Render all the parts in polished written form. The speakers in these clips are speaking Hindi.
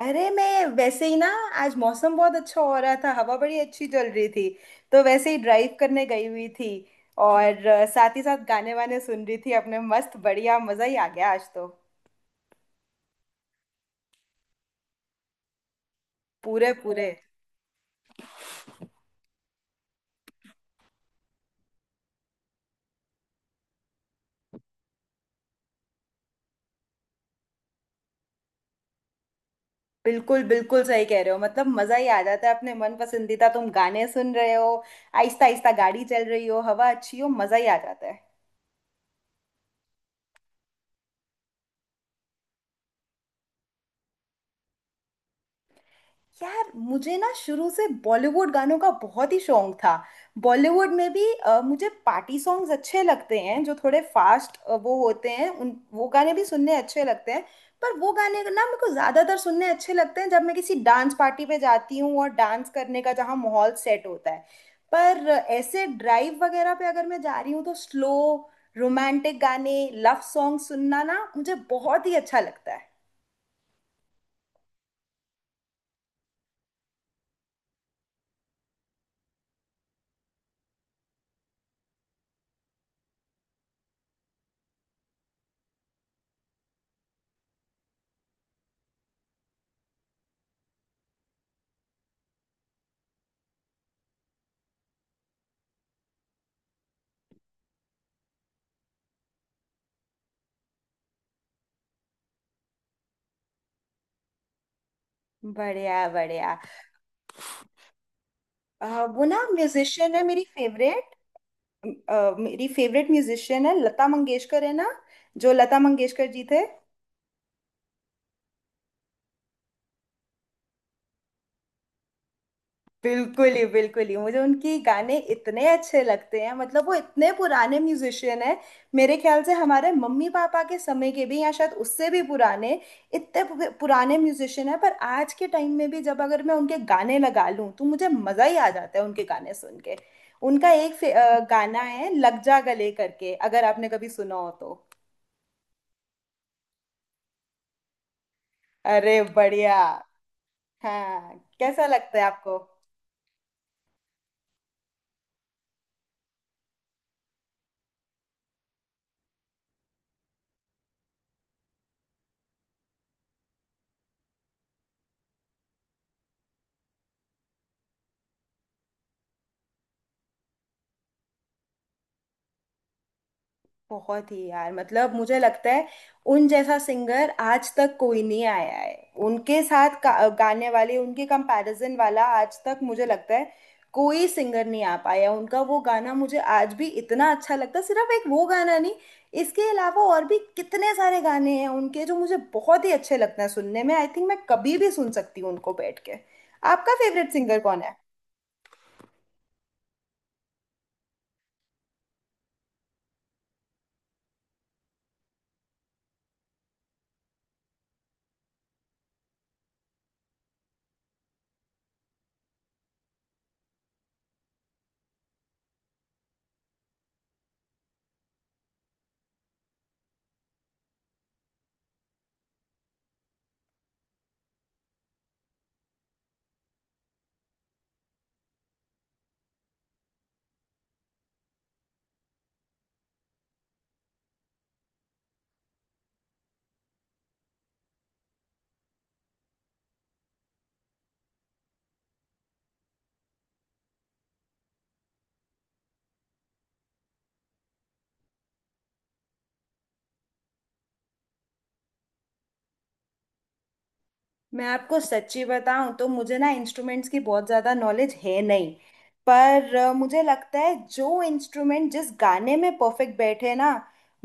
अरे मैं वैसे ही ना। आज मौसम बहुत अच्छा हो रहा था, हवा बड़ी अच्छी चल रही थी, तो वैसे ही ड्राइव करने गई हुई थी। और साथ ही साथ गाने वाने सुन रही थी अपने। मस्त बढ़िया मजा ही आ गया आज तो, पूरे पूरे। बिल्कुल बिल्कुल सही कह रहे हो, मतलब मजा ही आ जाता है। अपने मन पसंदीदा तुम गाने सुन रहे हो, आहिस्ता आहिस्ता गाड़ी चल रही हो, हवा अच्छी हो, मजा ही आ जाता है। यार मुझे ना शुरू से बॉलीवुड गानों का बहुत ही शौक था। बॉलीवुड में भी मुझे पार्टी सॉन्ग्स अच्छे लगते हैं, जो थोड़े फास्ट वो होते हैं, उन वो गाने भी सुनने अच्छे लगते हैं। पर वो गाने ना मेरे को ज़्यादातर सुनने अच्छे लगते हैं जब मैं किसी डांस पार्टी पे जाती हूँ और डांस करने का जहाँ माहौल सेट होता है। पर ऐसे ड्राइव वगैरह पे अगर मैं जा रही हूँ तो स्लो रोमांटिक गाने, लव सॉन्ग सुनना ना मुझे बहुत ही अच्छा लगता है। बढ़िया बढ़िया। वो ना म्यूजिशियन है मेरी फेवरेट। मेरी फेवरेट म्यूजिशियन है लता मंगेशकर, है ना? जो लता मंगेशकर जी थे। बिल्कुल ही मुझे उनकी गाने इतने अच्छे लगते हैं। मतलब वो इतने पुराने म्यूजिशियन है। मेरे ख्याल से हमारे मम्मी पापा के समय के भी, या शायद उससे भी पुराने। पुराने म्यूजिशियन है, पर आज के टाइम में भी जब अगर मैं उनके गाने लगा लूं तो मुझे मजा ही आ जाता है उनके गाने सुन के। उनका एक गाना है लग जा गले करके, अगर आपने कभी सुना हो तो। अरे बढ़िया। हाँ कैसा लगता है आपको। बहुत ही यार, मतलब मुझे लगता है उन जैसा सिंगर आज तक कोई नहीं आया है। उनके गाने वाले उनके कंपैरिजन वाला आज तक मुझे लगता है कोई सिंगर नहीं आ पाया। उनका वो गाना मुझे आज भी इतना अच्छा लगता है, सिर्फ एक वो गाना नहीं, इसके अलावा और भी कितने सारे गाने हैं उनके जो मुझे बहुत ही अच्छे लगते हैं सुनने में। आई थिंक मैं कभी भी सुन सकती हूँ उनको बैठ के। आपका फेवरेट सिंगर कौन है? मैं आपको सच्ची बताऊं तो मुझे ना इंस्ट्रूमेंट्स की बहुत ज़्यादा नॉलेज है नहीं। पर मुझे लगता है जो इंस्ट्रूमेंट जिस गाने में परफेक्ट बैठे ना,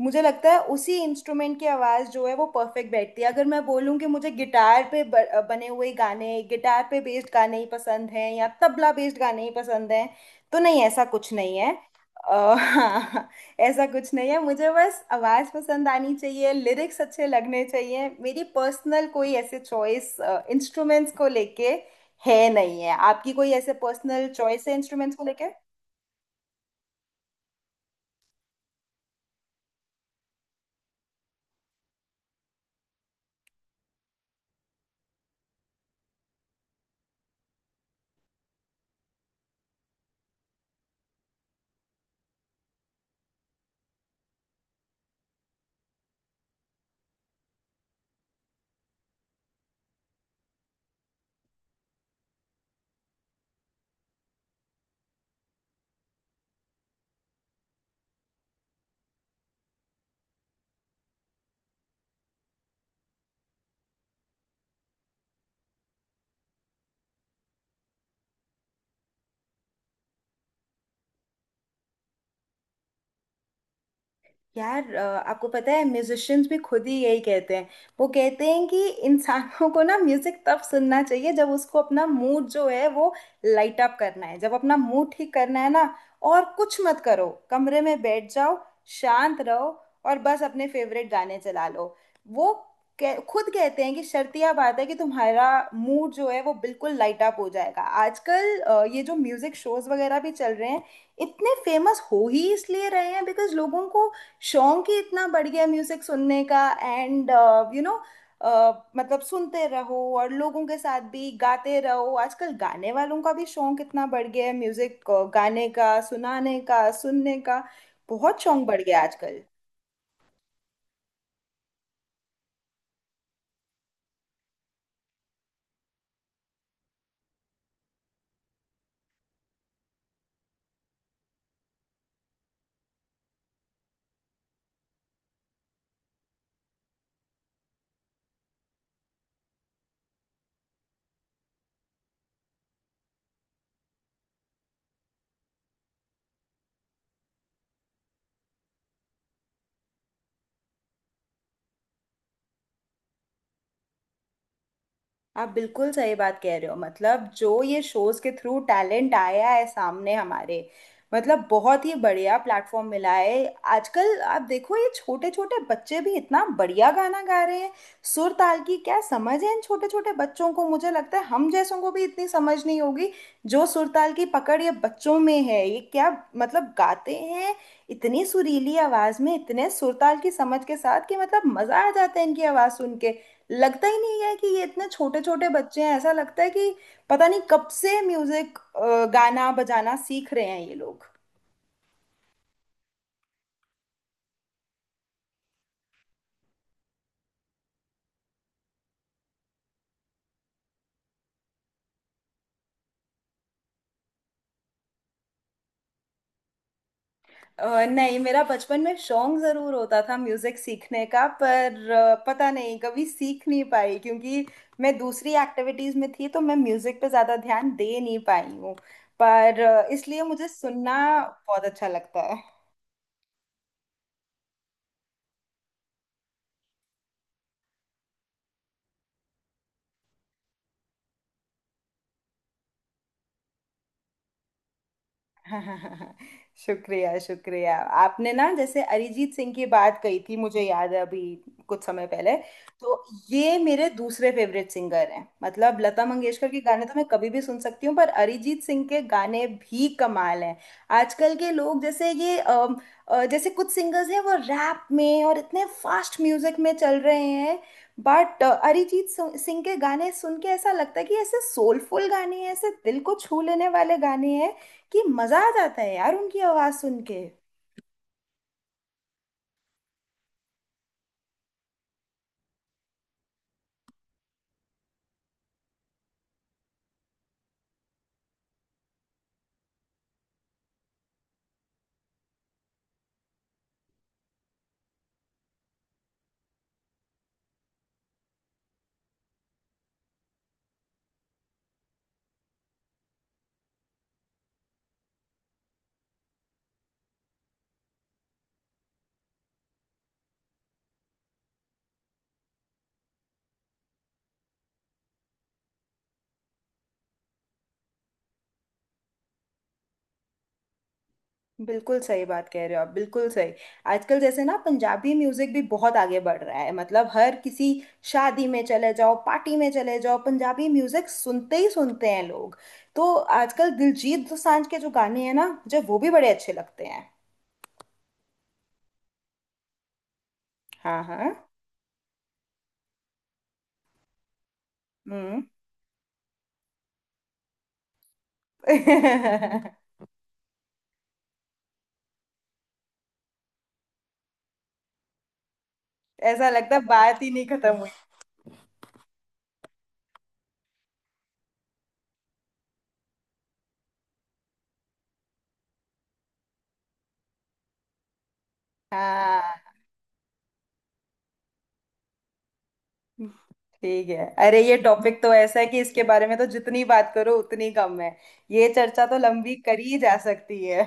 मुझे लगता है उसी इंस्ट्रूमेंट की आवाज़ जो है वो परफेक्ट बैठती है। अगर मैं बोलूं कि मुझे गिटार पे बने हुए गाने, गिटार पे बेस्ड गाने ही पसंद हैं, या तबला बेस्ड गाने ही पसंद हैं, तो नहीं, ऐसा कुछ नहीं है। अ, ऐसा कुछ नहीं है, मुझे बस आवाज़ पसंद आनी चाहिए, लिरिक्स अच्छे लगने चाहिए। मेरी पर्सनल कोई ऐसे चॉइस इंस्ट्रूमेंट्स को लेके है नहीं। है आपकी कोई ऐसे पर्सनल चॉइस है इंस्ट्रूमेंट्स को लेके? यार आपको पता है म्यूजिशियंस भी खुद ही यही कहते हैं। वो कहते हैं कि इंसानों को ना म्यूजिक तब सुनना चाहिए जब उसको अपना मूड जो है वो लाइट अप करना है, जब अपना मूड ठीक करना है ना। और कुछ मत करो, कमरे में बैठ जाओ, शांत रहो, और बस अपने फेवरेट गाने चला लो। वो खुद कहते हैं कि शर्तिया बात है कि तुम्हारा मूड जो है वो बिल्कुल लाइट अप हो जाएगा। आजकल ये जो म्यूजिक शोज वगैरह भी चल रहे हैं, इतने फेमस हो ही इसलिए रहे हैं बिकॉज लोगों को शौक ही इतना बढ़ गया म्यूजिक सुनने का। एंड यू नो, मतलब सुनते रहो और लोगों के साथ भी गाते रहो। आजकल गाने वालों का भी शौक इतना बढ़ गया है, म्यूजिक गाने का, सुनाने का, सुनने का बहुत शौक बढ़ गया है आजकल। आप बिल्कुल सही बात कह रहे हो, मतलब जो ये शोज के थ्रू टैलेंट आया है सामने हमारे, मतलब बहुत ही बढ़िया प्लेटफॉर्म मिला है। आजकल आप देखो ये छोटे छोटे बच्चे भी इतना बढ़िया गाना गा रहे हैं। सुर ताल की क्या समझ है इन छोटे छोटे बच्चों को, मुझे लगता है हम जैसों को भी इतनी समझ नहीं होगी जो सुर ताल की पकड़ ये बच्चों में है। ये क्या, मतलब गाते हैं इतनी सुरीली आवाज में, इतने सुर ताल की समझ के साथ, कि मतलब मजा आ जाता है इनकी आवाज सुन के। लगता ही नहीं है कि ये इतने छोटे छोटे बच्चे हैं। ऐसा लगता है कि पता नहीं कब से म्यूजिक गाना बजाना सीख रहे हैं ये लोग। नहीं, मेरा बचपन में शौक जरूर होता था म्यूजिक सीखने का, पर पता नहीं कभी सीख नहीं पाई क्योंकि मैं दूसरी एक्टिविटीज में थी, तो मैं म्यूजिक पे ज्यादा ध्यान दे नहीं पाई हूँ। पर इसलिए मुझे सुनना बहुत अच्छा लगता है। शुक्रिया शुक्रिया। आपने ना जैसे अरिजीत सिंह की बात कही थी, मुझे याद है, अभी कुछ समय पहले। तो ये मेरे दूसरे फेवरेट सिंगर हैं। मतलब लता मंगेशकर के गाने तो मैं कभी भी सुन सकती हूँ, पर अरिजीत सिंह के गाने भी कमाल हैं। आजकल के लोग जैसे ये जैसे कुछ सिंगर्स हैं वो रैप में और इतने फास्ट म्यूजिक में चल रहे हैं। बट सिंह के गाने सुन के ऐसा लगता है कि ऐसे सोलफुल गाने हैं, ऐसे दिल को छू लेने वाले गाने हैं, कि मजा आ जाता है यार उनकी आवाज सुन के। बिल्कुल सही बात कह रहे हो आप, बिल्कुल सही। आजकल जैसे ना पंजाबी म्यूजिक भी बहुत आगे बढ़ रहा है। मतलब हर किसी शादी में चले जाओ, पार्टी में चले जाओ, पंजाबी म्यूजिक सुनते ही सुनते हैं लोग। तो आजकल दिलजीत दोसांझ के जो गाने हैं ना, मुझे वो भी बड़े अच्छे लगते हैं। हाँ हाँ। हम्म। ऐसा लगता है बात ही नहीं खत्म हुई। हाँ ठीक है, अरे ये टॉपिक तो ऐसा है कि इसके बारे में तो जितनी बात करो उतनी कम है। ये चर्चा तो लंबी करी ही जा सकती है।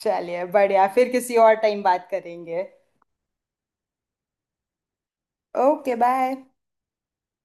चलिए बढ़िया, फिर किसी और टाइम बात करेंगे। Okay bye.